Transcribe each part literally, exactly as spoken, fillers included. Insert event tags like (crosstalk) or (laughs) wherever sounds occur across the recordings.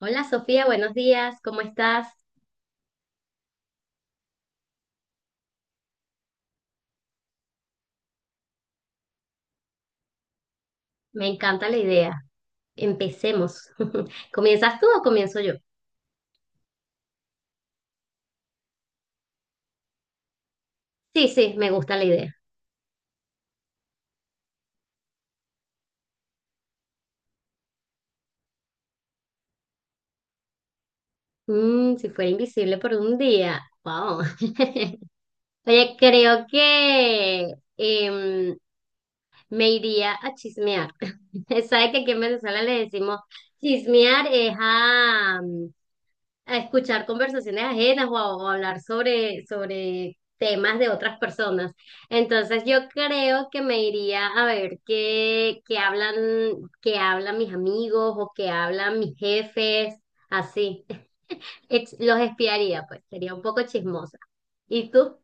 Hola Sofía, buenos días, ¿cómo estás? Me encanta la idea. Empecemos. (laughs) ¿Comienzas tú o comienzo yo? Sí, sí, me gusta la idea. Mm, si fuera invisible por un día, wow. (laughs) Oye, creo que em, me iría a chismear. (laughs) Sabe que aquí en Venezuela le decimos chismear es a, mm, a escuchar conversaciones ajenas o a, o a hablar sobre, sobre temas de otras personas. Entonces yo creo que me iría a ver qué, qué hablan, qué hablan mis amigos o qué hablan mis jefes, así. (laughs) Ex- Los espiaría, pues, sería un poco chismosa. ¿Y tú?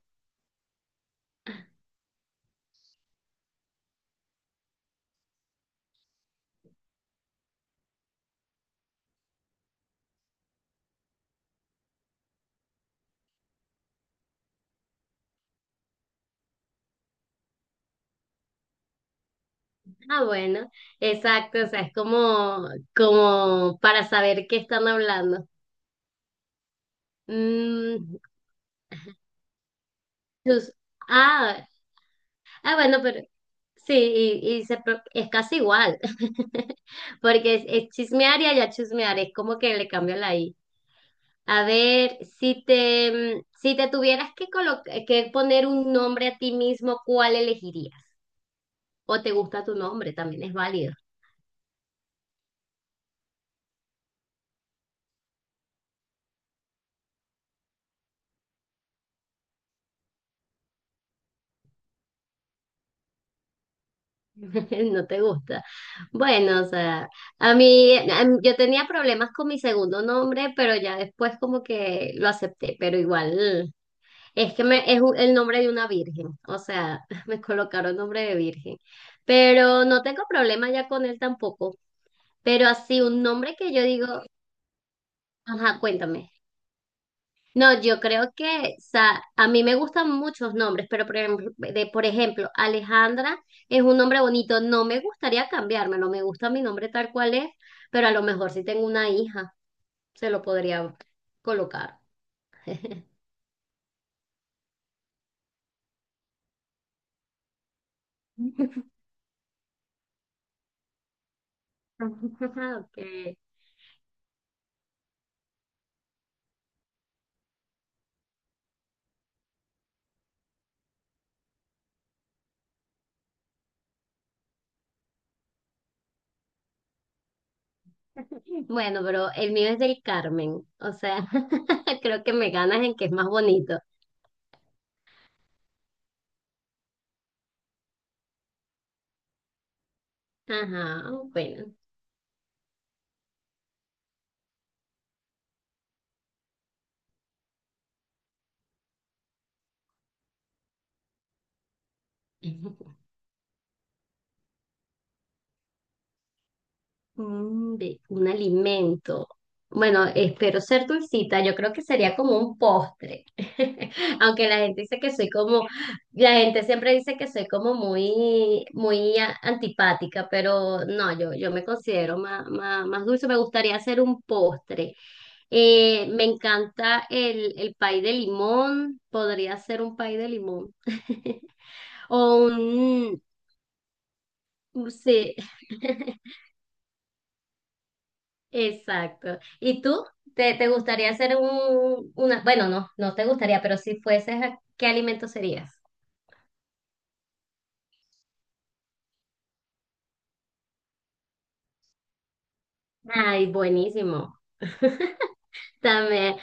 Ah, bueno, exacto, o sea, es como, como para saber qué están hablando. Mm, tus- ah, ah, bueno, pero sí, y, y se pro- es casi igual, (laughs) porque es, es chismear y allá chismear, es como que le cambio la I. A ver, si te, mm, si te tuvieras que, colo- que poner un nombre a ti mismo, ¿cuál elegirías? ¿O te gusta tu nombre? También es válido. (laughs) No te gusta. Bueno, o sea, a mí, a mí- yo tenía problemas con mi segundo nombre, pero ya después como que lo acepté, pero igual es que me, es un- el nombre de una virgen, o sea, (laughs) me colocaron nombre de virgen, pero no tengo problema ya con él tampoco, pero así un nombre que yo digo, ajá, cuéntame. No, yo creo que, o sea, a mí me gustan muchos nombres, pero por ejemplo, de, por ejemplo, Alejandra es un nombre bonito. No me gustaría cambiármelo, me gusta mi nombre tal cual es, pero a lo mejor si tengo una hija, se lo podría colocar. (laughs) Okay. Bueno, pero el mío es del Carmen, o sea, (laughs) creo que me ganas en que es más bonito. Ajá, bueno. (laughs) Mm, de un alimento. Bueno, espero ser dulcita. Yo creo que sería como un postre. (laughs) Aunque la gente dice que soy como, la gente siempre dice que soy como muy, muy a- antipática, pero no, yo, yo me considero más, más, más dulce. Me gustaría hacer un postre. Eh, me encanta el, el pay de limón. Podría ser un pay de limón. (laughs) O un, sí. (laughs) Exacto. ¿Y tú? ¿Te, te gustaría hacer un, una, bueno, no, no te gustaría, pero si fueses, ¿a ¿qué alimento serías? Ay, buenísimo. (laughs) También,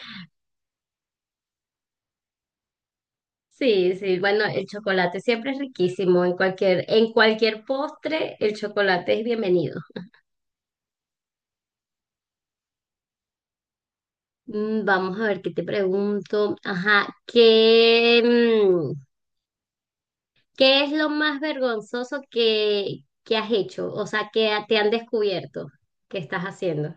sí, sí, bueno, el chocolate siempre es riquísimo. En cualquier, en cualquier postre, el chocolate es bienvenido. Mm, Vamos a ver qué te pregunto. Ajá, ¿qué, mm, qué es lo más vergonzoso que, que has hecho? O sea, que te han descubierto que estás haciendo.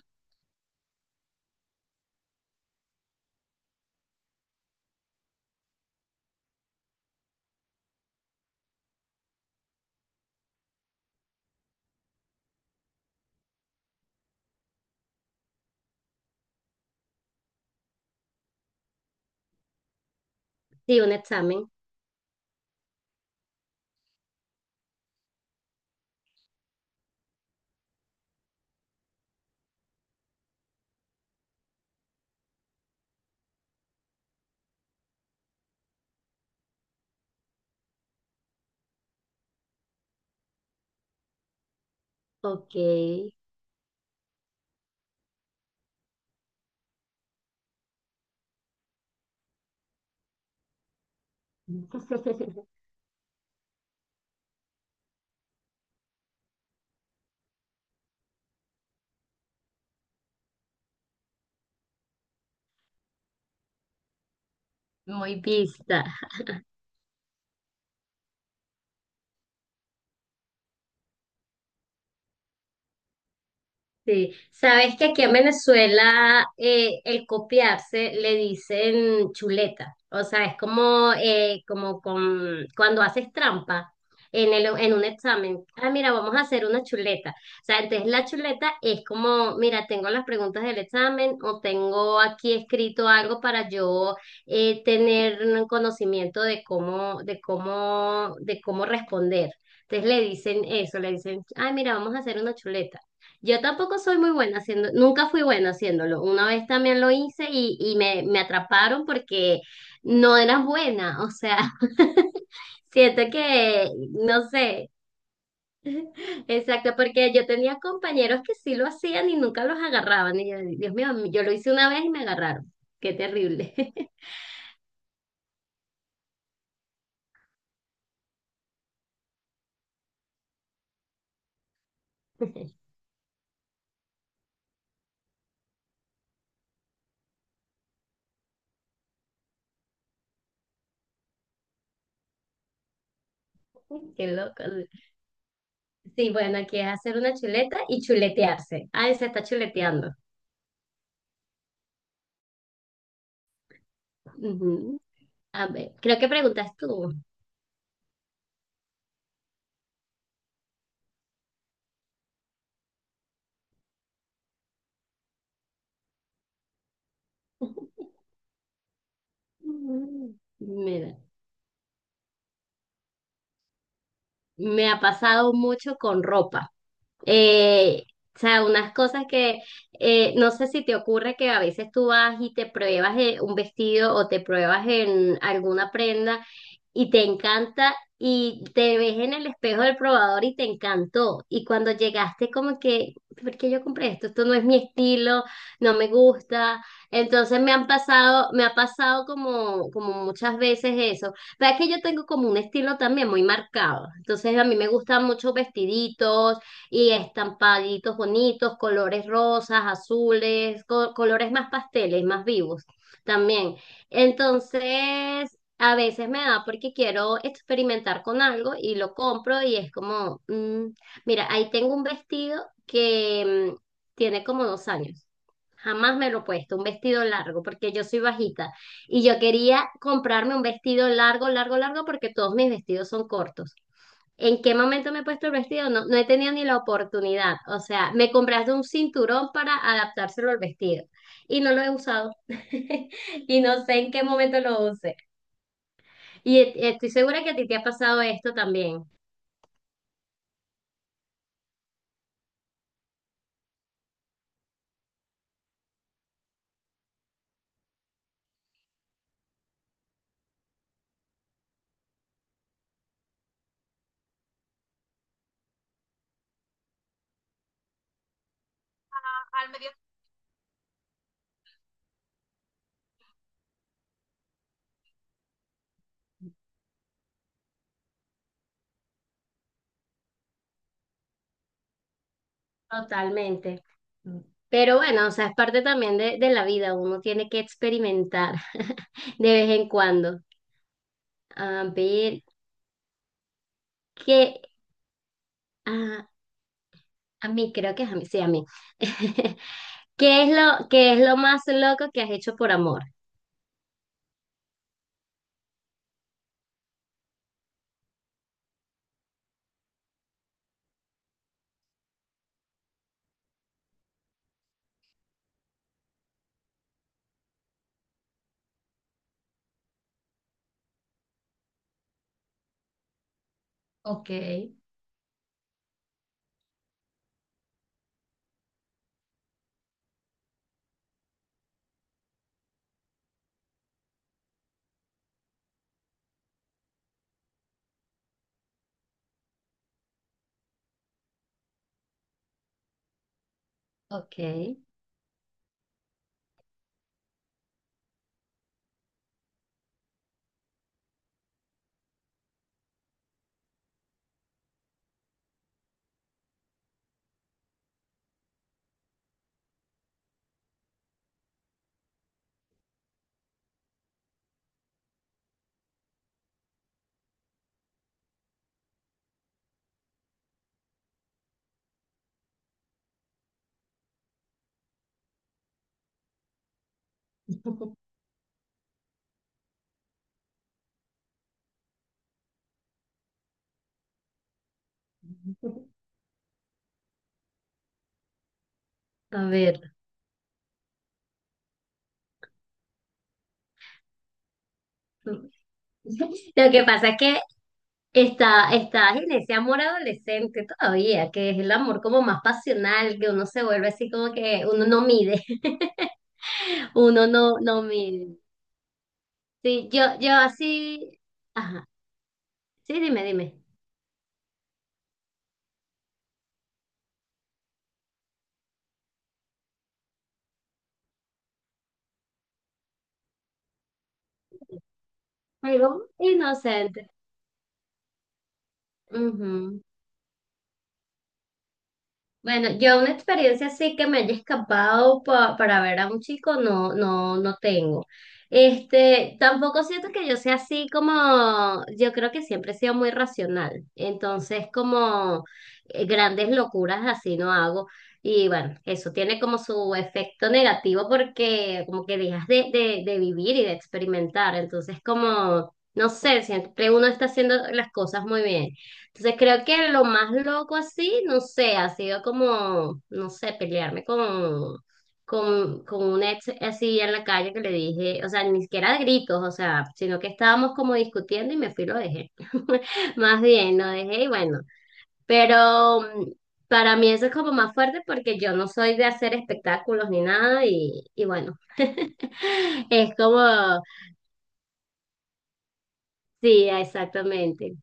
Sí, un examen. Ok. (laughs) Muy pista. Sí, sabes que aquí en Venezuela eh, el copiarse le dicen chuleta, o sea, es como, eh, como con, cuando haces trampa en, el, en un examen, ah, mira, vamos a hacer una chuleta, o sea, entonces la chuleta es como, mira, tengo las preguntas del examen o tengo aquí escrito algo para yo eh, tener un conocimiento de cómo, de cómo, de cómo responder. Entonces le dicen eso, le dicen, ah, mira, vamos a hacer una chuleta. Yo tampoco soy muy buena haciendo, nunca fui buena haciéndolo. Una vez también lo hice y, y me, me atraparon porque no era buena, o sea, (laughs) siento que, no sé, exacto, porque yo tenía compañeros que sí lo hacían y nunca los agarraban. Y yo, Dios mío, yo lo hice una vez y me agarraron. Qué terrible. (laughs) Qué loco. Sí, bueno, aquí es hacer una chuleta y chuletearse. Ah, se está chuleteando. Ujú. A ver, creo que preguntas tú. Mm. Mira, me ha pasado mucho con ropa. Eh, o sea, unas cosas que eh, no sé si te ocurre que a veces tú vas y te pruebas eh, un vestido o te pruebas en alguna prenda y te encanta y te ves en el espejo del probador y te encantó. Y cuando llegaste como que, ¿por qué yo compré esto? Esto no es mi estilo, no me gusta. Entonces me han pasado, me ha pasado como, como muchas veces eso. Pero es que yo tengo como un estilo también muy marcado. Entonces a mí me gustan muchos vestiditos y estampaditos bonitos, colores rosas, azules, co- colores más pasteles, más vivos también. Entonces, a veces me da porque quiero experimentar con algo y lo compro y es como, mm, mira, ahí tengo un vestido que mm, tiene como dos años. Jamás me lo he puesto, un vestido largo, porque yo soy bajita y yo quería comprarme un vestido largo, largo, largo, porque todos mis vestidos son cortos. ¿En qué momento me he puesto el vestido? No, no he tenido ni la oportunidad. O sea, me compraste un cinturón para adaptárselo al vestido y no lo he usado. (laughs) Y no sé en qué momento lo use. Y et- estoy segura que a ti te ha pasado esto también. Totalmente. Pero bueno, o sea, es parte también de, de la vida. Uno tiene que experimentar (laughs) de vez en cuando. A ver, ¿qué? Ah, a mí, creo que es a mí. Sí, a mí. (laughs) ¿Qué es lo, qué es lo más loco que has hecho por amor? Ok, ok. (laughs) A ver. Lo que pasa es que está, está en ese amor adolescente todavía, que es el amor como más pasional, que uno se vuelve así como que uno no mide, (laughs) uno no, no mide. Sí, yo, yo así, ajá, sí, dime, dime. Algo inocente. Bueno, yo una experiencia así que me haya escapado pa- para ver a un chico, no, no, no tengo. Este, tampoco siento que yo sea así como, yo creo que siempre he sido muy racional. Entonces, como eh, grandes locuras así no hago. Y bueno, eso tiene como su efecto negativo porque como que dejas de, de, de vivir y de experimentar. Entonces, como, no sé, siempre uno está haciendo las cosas muy bien. Entonces creo que lo más loco así, no sé, ha sido como, no sé, pelearme con, con, con un ex así en la calle que le dije, o sea, ni siquiera de gritos, o sea, sino que estábamos como discutiendo y me fui y lo dejé. (laughs) Más bien, lo dejé y bueno, pero mm, para mí eso es como más fuerte porque yo no soy de hacer espectáculos ni nada y, y bueno, (laughs) es como, sí, exactamente.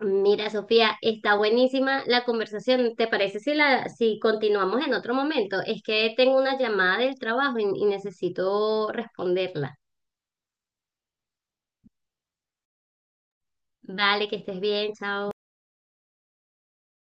Mira, Sofía, está buenísima la conversación. ¿Te parece si la, si continuamos en otro momento? Es que tengo una llamada del trabajo y, y necesito responderla. Vale, que estés bien, chao.